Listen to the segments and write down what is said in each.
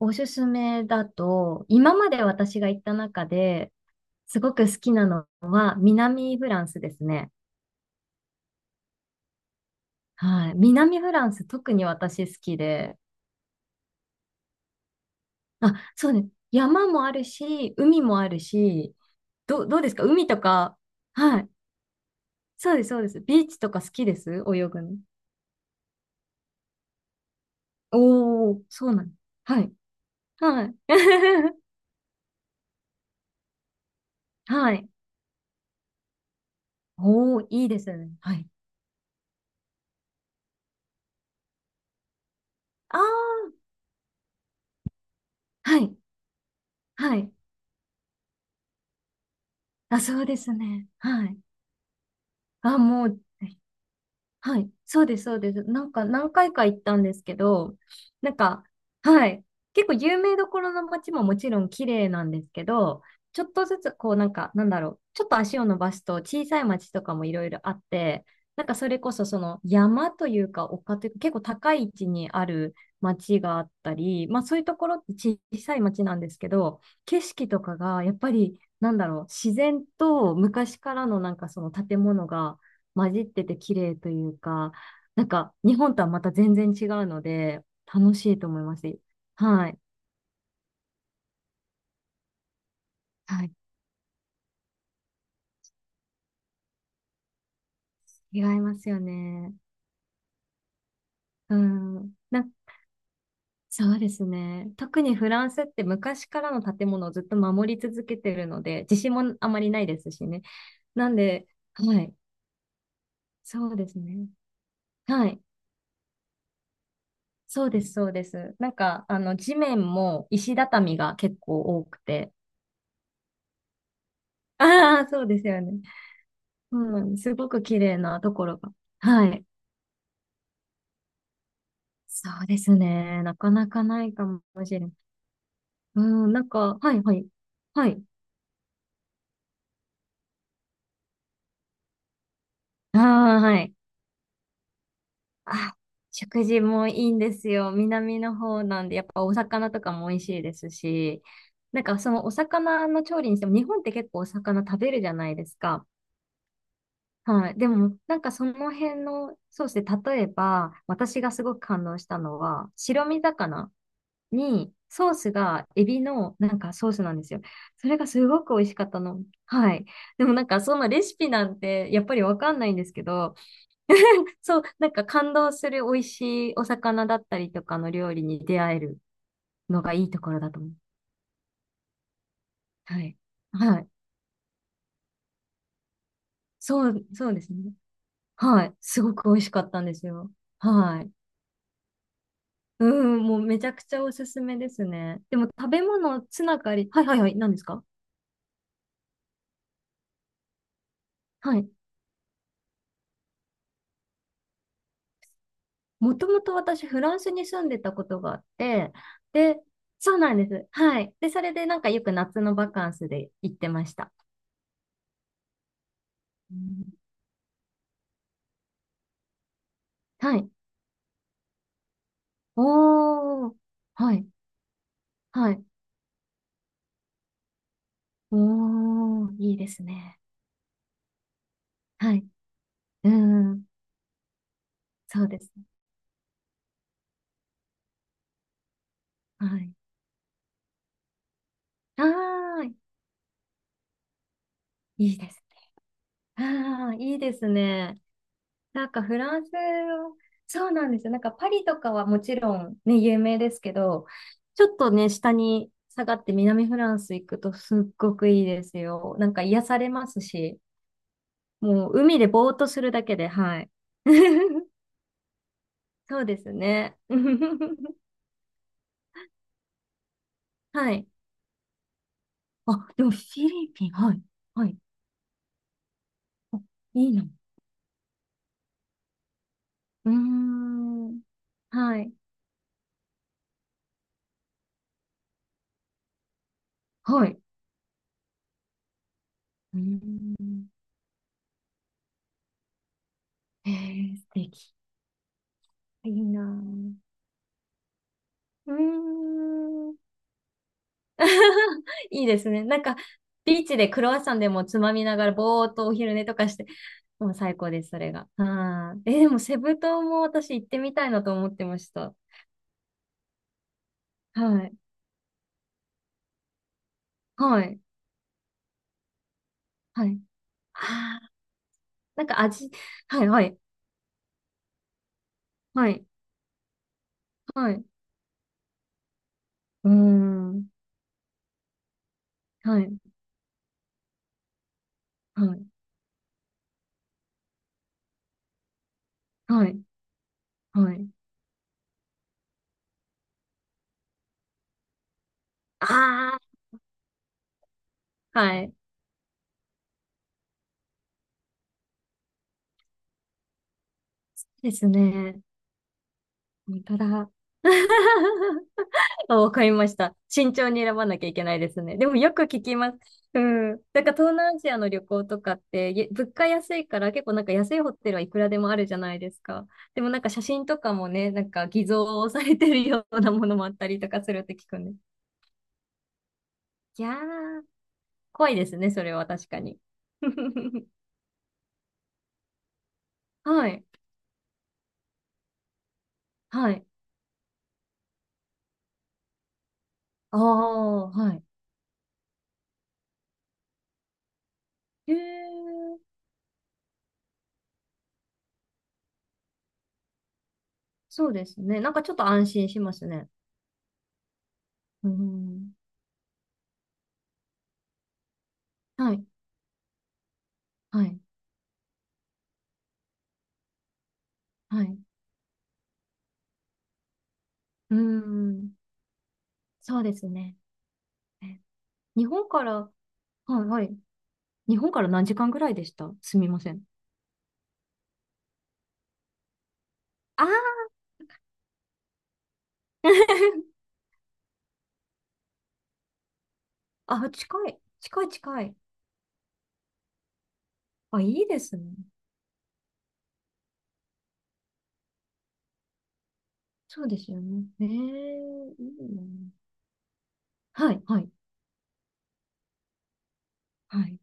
おすすめだと、今まで私が行った中ですごく好きなのは南フランスですね。はい。南フランス特に私好きで。あ、そうね。山もあるし、海もあるし、どうですか海とか。はい。そうです、そうです。ビーチとか好きです泳ぐの。おー、そうなんはい。はい。はい。おー、いいですね。はい。あー、はい。はい。あ、そうですね。はい。あ、もう、はい、そうです、そうです。なんか何回か行ったんですけど、なんか、はい、結構有名どころの街ももちろん綺麗なんですけど、ちょっとずつこうなんか、なんだろう、ちょっと足を伸ばすと小さい街とかもいろいろあって、なんかそれこそその山というか丘というか結構高い位置にある街があったり、まあそういうところって小さい街なんですけど、景色とかがやっぱりなんだろう、自然と昔からのなんかその建物が混じってて綺麗というか、なんか日本とはまた全然違うので、楽しいと思いますし。はい。はい。違いますよね。うん。そうですね。特にフランスって昔からの建物をずっと守り続けてるので、地震もあまりないですしね。なんで、はい。そうですね。はい。そうです、そうです。なんか、地面も石畳が結構多くて。ああ、そうですよね。うん、すごく綺麗なところが。はい。そうですね。なかなかないかもしれない。うん、なんか、はいはい。はい。ああ、はい。あ、食事もいいんですよ。南の方なんで、やっぱお魚とかも美味しいですし、なんかそのお魚の調理にしても、日本って結構お魚食べるじゃないですか。はい。でも、なんかその辺のソースで、例えば、私がすごく感動したのは、白身魚。に、ソースがエビのなんかソースなんですよ。それがすごく美味しかったの。はい。でもなんかそのレシピなんてやっぱりわかんないんですけど、そう、なんか感動する美味しいお魚だったりとかの料理に出会えるのがいいところだと思う。はい。はい。そう、そうですね。はい。すごく美味しかったんですよ。はい。うん、もうめちゃくちゃおすすめですね。でも食べ物つながり、はいはいはい、何ですかはい。もともと私、フランスに住んでたことがあって、で、そうなんです。はい。で、それでなんかよく夏のバカンスで行ってました。うんはい。おー。はい。はい。おー。いいですね。はい。うーん。そうですね。はい。はーい。いいですね。あー、いいですね。なんかフランスそうなんですよ。なんかパリとかはもちろんね、有名ですけど、ちょっとね、下に下がって南フランス行くとすっごくいいですよ。なんか癒されますし、もう海でぼーっとするだけで、はい。そうですね。はい。あ、でもフィリピン、はい。はい。あいいな。うーん。はい。はい。うーん。えー、素敵。いいなうーん。いいですね。なんか、ビーチでクロワッサンでもつまみながら、ぼーっとお昼寝とかして、もう最高です、それが。はい。えー、でも、セブ島も私行ってみたいなと思ってました。はい。はい。はい。あーなんか味、はい、はい。はい。はい。うーん。はい。はい。はい。はい。ああ、はい。ですね。本当だ。あ、わかりました。慎重に選ばなきゃいけないですね。でもよく聞きます。うん。なんか東南アジアの旅行とかって、物価安いから結構なんか安いホテルはいくらでもあるじゃないですか。でもなんか写真とかもね、なんか偽造されてるようなものもあったりとかするって聞くんで。いやー、怖いですね、それは確かに。はい。はい。ああ、はい。へえ、そうですね。なんかちょっと安心しますね。うん。はい。はい。はい。うん。そうですね。え日本から、はいはい。日本から何時間ぐらいでしたすみません。あー あ、近い。近い近い。あ、いいですね。そうですよね。ええいいな。はいはい。はい。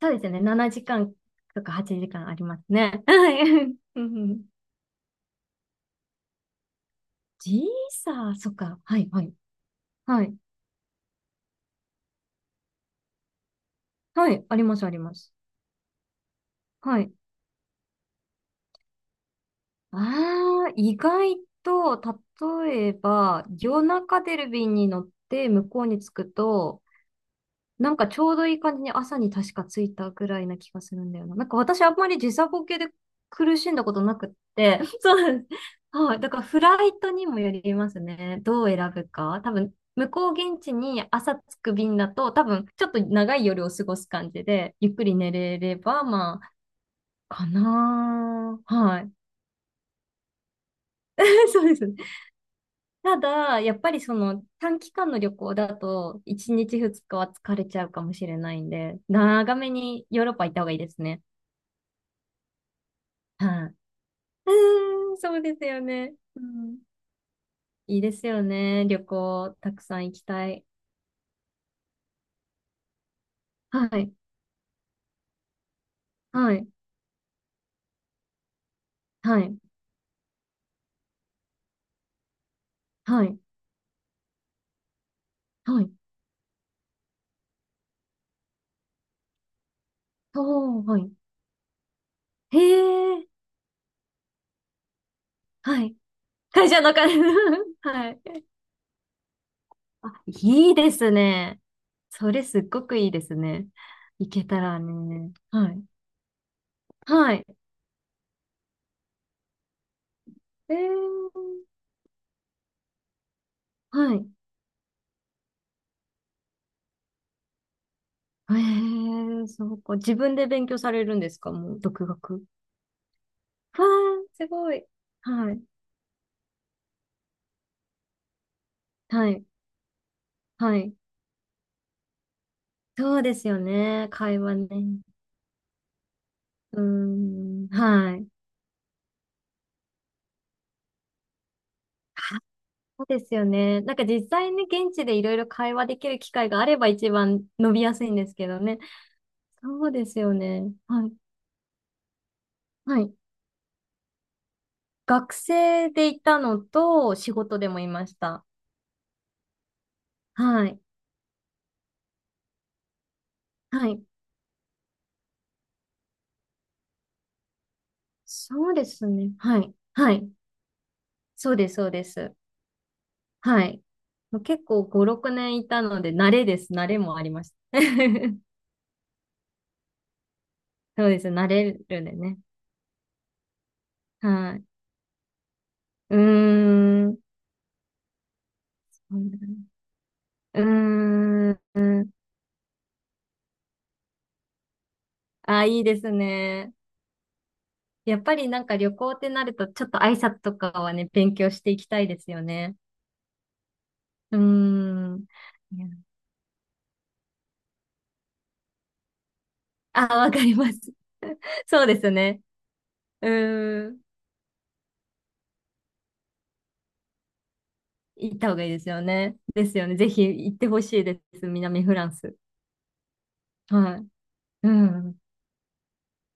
そうですね。7時間とか8時間ありますね。はい。うんうん時差、そっか。はいはい。はい。はい。ありますあります。はい。ああ、意外と、例えば、夜中出る便に乗って向こうに着くと、なんかちょうどいい感じに朝に確か着いたぐらいな気がするんだよな。なんか私あんまり時差ボケで苦しんだことなくって、そうなんです。はい。だからフライトにもよりますね。どう選ぶか。多分、向こう現地に朝着く便だと、多分、ちょっと長い夜を過ごす感じで、ゆっくり寝れれば、まあ、かなー。はい。そうです。ただ、やっぱりその短期間の旅行だと、1日2日は疲れちゃうかもしれないんで、長めにヨーロッパ行った方がいいですね。はい。うーん、そうですよね。うん。いいですよね。旅行、たくさん行きたい。はい。はい。はい。はい。はい。おー、はい。へえ。はい。会社の金。はい。あ、いいですね。それすっごくいいですね。行けたらね。はい。はい。えーはい。ええそうか。自分で勉強されるんですかもう、独学。わあ、すごい。はい。はい。はい。そうですよね。会話ね。うーん。はい。あそうですよね。なんか実際に現地でいろいろ会話できる機会があれば一番伸びやすいんですけどね。そうですよね。はい。はい。学生でいたのと、仕事でもいました。はい。はい。そうですね。はい。はい。そうです、そうです。はい。結構5、6年いたので、慣れです。慣れもありました。そうです。慣れるんでね。はい。うーん。うーん。あ、いいですね。やっぱりなんか旅行ってなると、ちょっと挨拶とかはね、勉強していきたいですよね。うーん。いやあ、わかります。そうですね。うーん。行った方がいいですよね。ですよね。ぜひ行ってほしいです。南フランス。はい。うん。